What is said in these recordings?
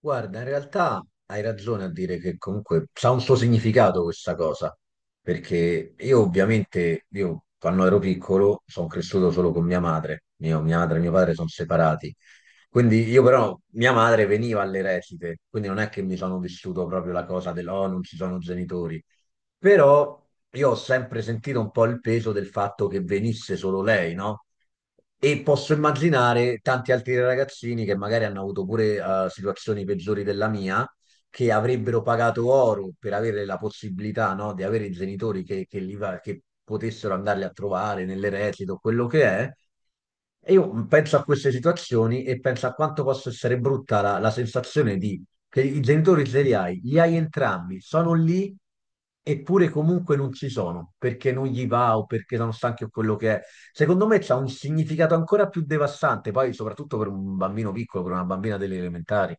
Guarda, in realtà hai ragione a dire che comunque ha un suo significato questa cosa, perché io ovviamente, io quando ero piccolo sono cresciuto solo con mia madre, mia madre e mio padre sono separati, quindi io però mia madre veniva alle recite, quindi non è che mi sono vissuto proprio la cosa del oh non ci sono genitori, però io ho sempre sentito un po' il peso del fatto che venisse solo lei, no? E posso immaginare tanti altri ragazzini che magari hanno avuto pure situazioni peggiori della mia, che avrebbero pagato oro per avere la possibilità, no, di avere i genitori che che potessero andarli a trovare nell'eredito, quello che è. E io penso a queste situazioni e penso a quanto possa essere brutta la sensazione di che i genitori ce li hai entrambi, sono lì eppure comunque non ci sono, perché non gli va o perché sono stanchi o quello che è. Secondo me c'ha un significato ancora più devastante, poi soprattutto per un bambino piccolo, per una bambina delle elementari.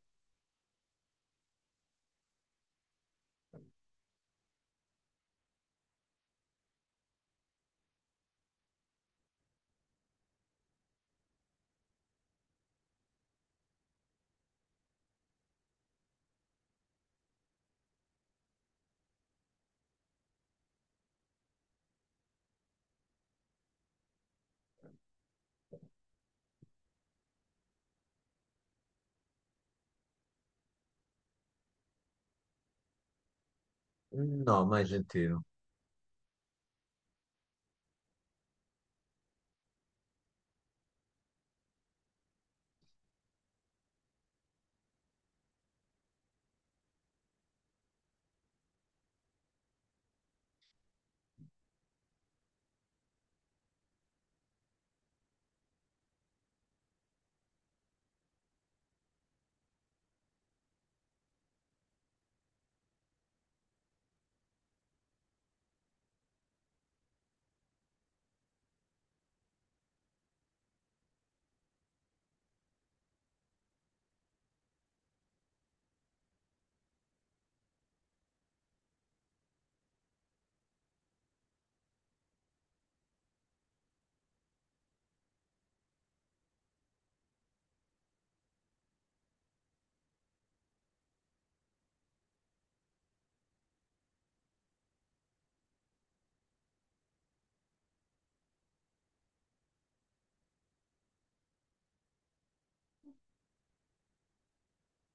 No, mai sentito.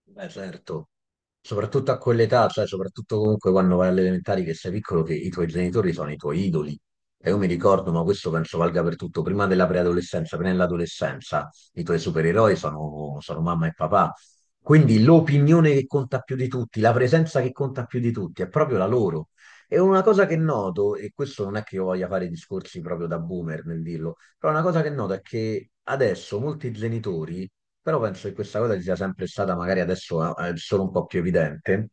Beh, certo. Soprattutto a quell'età, cioè soprattutto comunque quando vai alle elementari che sei piccolo, che i tuoi genitori sono i tuoi idoli. E io mi ricordo, ma questo penso valga per tutto, prima della preadolescenza, prima dell'adolescenza, i tuoi supereroi sono mamma e papà. Quindi l'opinione che conta più di tutti, la presenza che conta più di tutti, è proprio la loro. E una cosa che noto, e questo non è che io voglia fare discorsi proprio da boomer nel dirlo, però una cosa che noto è che adesso molti genitori, però penso che questa cosa ci sia sempre stata, magari adesso è solo un po' più evidente.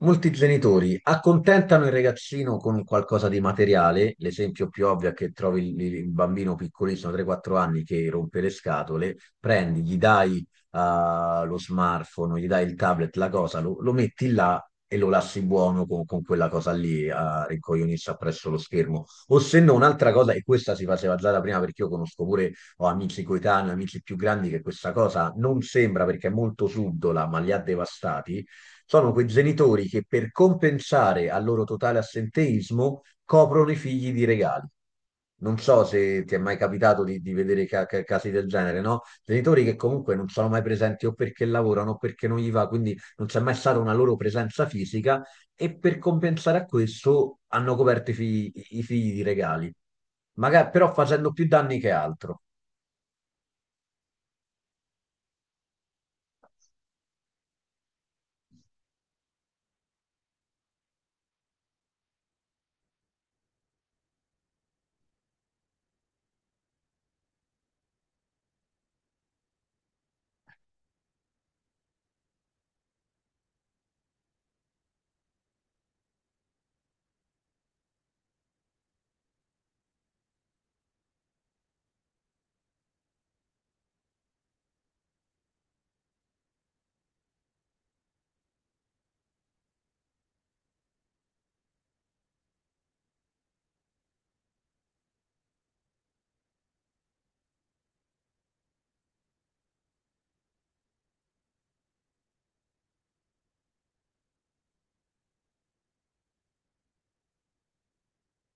Molti genitori accontentano il ragazzino con un qualcosa di materiale, l'esempio più ovvio è che trovi il bambino piccolissimo, 3-4 anni, che rompe le scatole, prendi, gli dai lo smartphone, gli dai il tablet, la cosa, lo metti là e lo lasci buono con quella cosa lì a rincoglionirsi appresso lo schermo. O se no, un'altra cosa, e questa si faceva già da prima perché io conosco pure, ho amici coetanei, amici più grandi, che questa cosa non sembra perché è molto subdola, ma li ha devastati, sono quei genitori che per compensare al loro totale assenteismo coprono i figli di regali. Non so se ti è mai capitato di vedere casi del genere, no? Genitori che comunque non sono mai presenti o perché lavorano o perché non gli va, quindi non c'è mai stata una loro presenza fisica, e per compensare a questo hanno coperto i figli di regali, però facendo più danni che altro.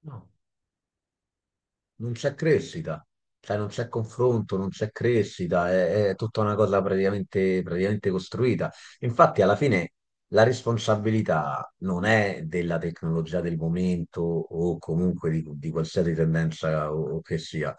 No, non c'è crescita, cioè non c'è confronto, non c'è crescita, è tutta una cosa praticamente costruita. Infatti, alla fine la responsabilità non è della tecnologia del momento o comunque di qualsiasi tendenza o che sia,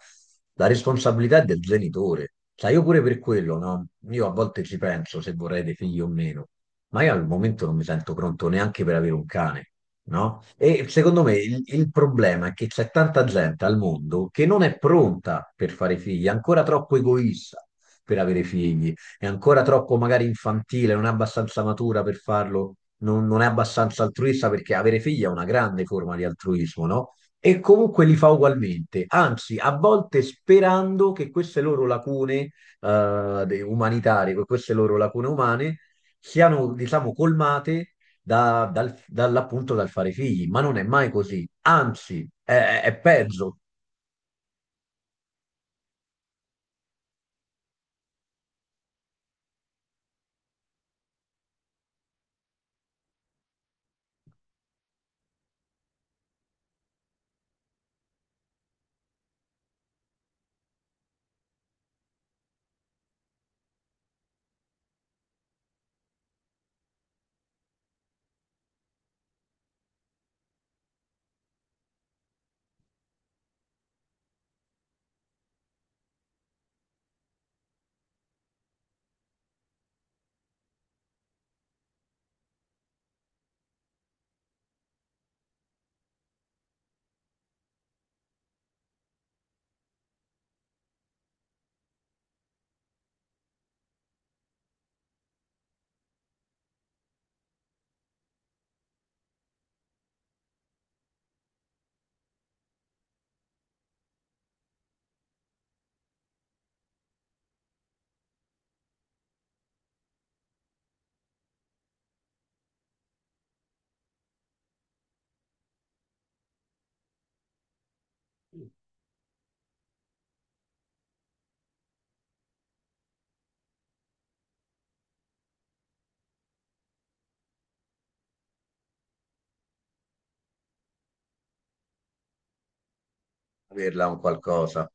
la responsabilità è del genitore. Cioè, io pure per quello, no? Io a volte ci penso se vorrei dei figli o meno, ma io al momento non mi sento pronto neanche per avere un cane, no? E secondo me il problema è che c'è tanta gente al mondo che non è pronta per fare figli, è ancora troppo egoista per avere figli, è ancora troppo magari infantile, non è abbastanza matura per farlo, non è abbastanza altruista perché avere figli è una grande forma di altruismo, no? E comunque li fa ugualmente, anzi, a volte sperando che queste loro lacune umanitarie, queste loro lacune umane siano, diciamo, colmate dall'appunto dal fare figli, ma non è mai così, anzi è peggio. Averla un qualcosa.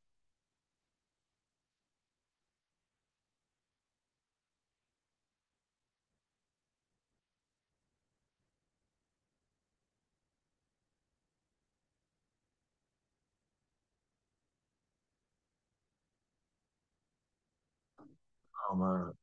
No, ma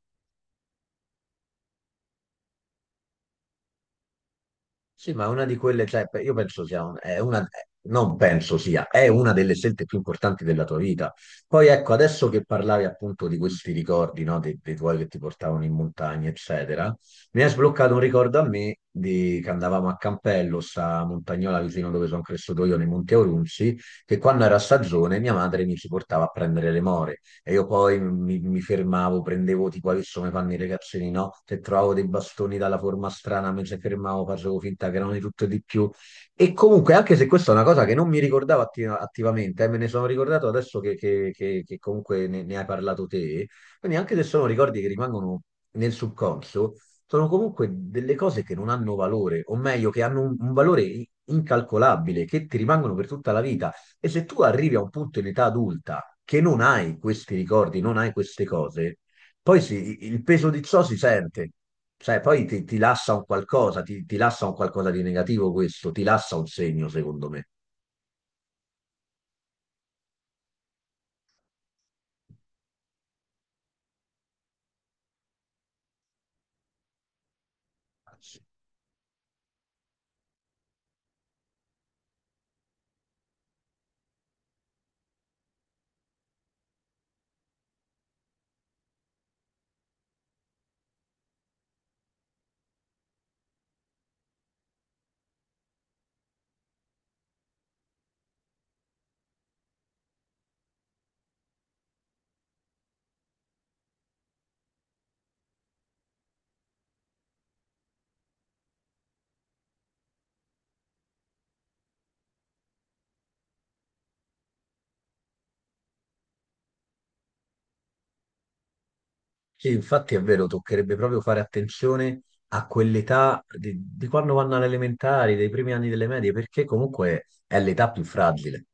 sì, ma è una di quelle, cioè, io penso sia è una, non penso sia, è una delle scelte più importanti della tua vita. Poi ecco, adesso che parlavi appunto di questi ricordi, no, dei, dei tuoi che ti portavano in montagna, eccetera, mi hai sbloccato un ricordo a me di che andavamo a Campello, sta montagnola vicino dove sono cresciuto io, nei Monti Aurunzi, che quando era stagione mia madre mi ci portava a prendere le more. E io poi mi fermavo, prendevo tipo adesso come fanno i ragazzini, no? Se trovavo dei bastoni dalla forma strana, mi ci fermavo, facevo finta che erano di tutto e di più. E comunque, anche se questa è una cosa che non mi ricordavo attivamente, me ne sono ricordato adesso che comunque ne hai parlato te, quindi anche se sono ricordi che rimangono nel subconscio, sono comunque delle cose che non hanno valore, o meglio, che hanno un valore incalcolabile, che ti rimangono per tutta la vita. E se tu arrivi a un punto in età adulta che non hai questi ricordi, non hai queste cose, poi il peso di ciò si sente, cioè poi ti lascia un qualcosa, ti lascia un qualcosa di negativo questo, ti lascia un segno, secondo me. Sì, infatti è vero, toccherebbe proprio fare attenzione a quell'età di quando vanno alle elementari, dei primi anni delle medie, perché comunque è l'età più fragile.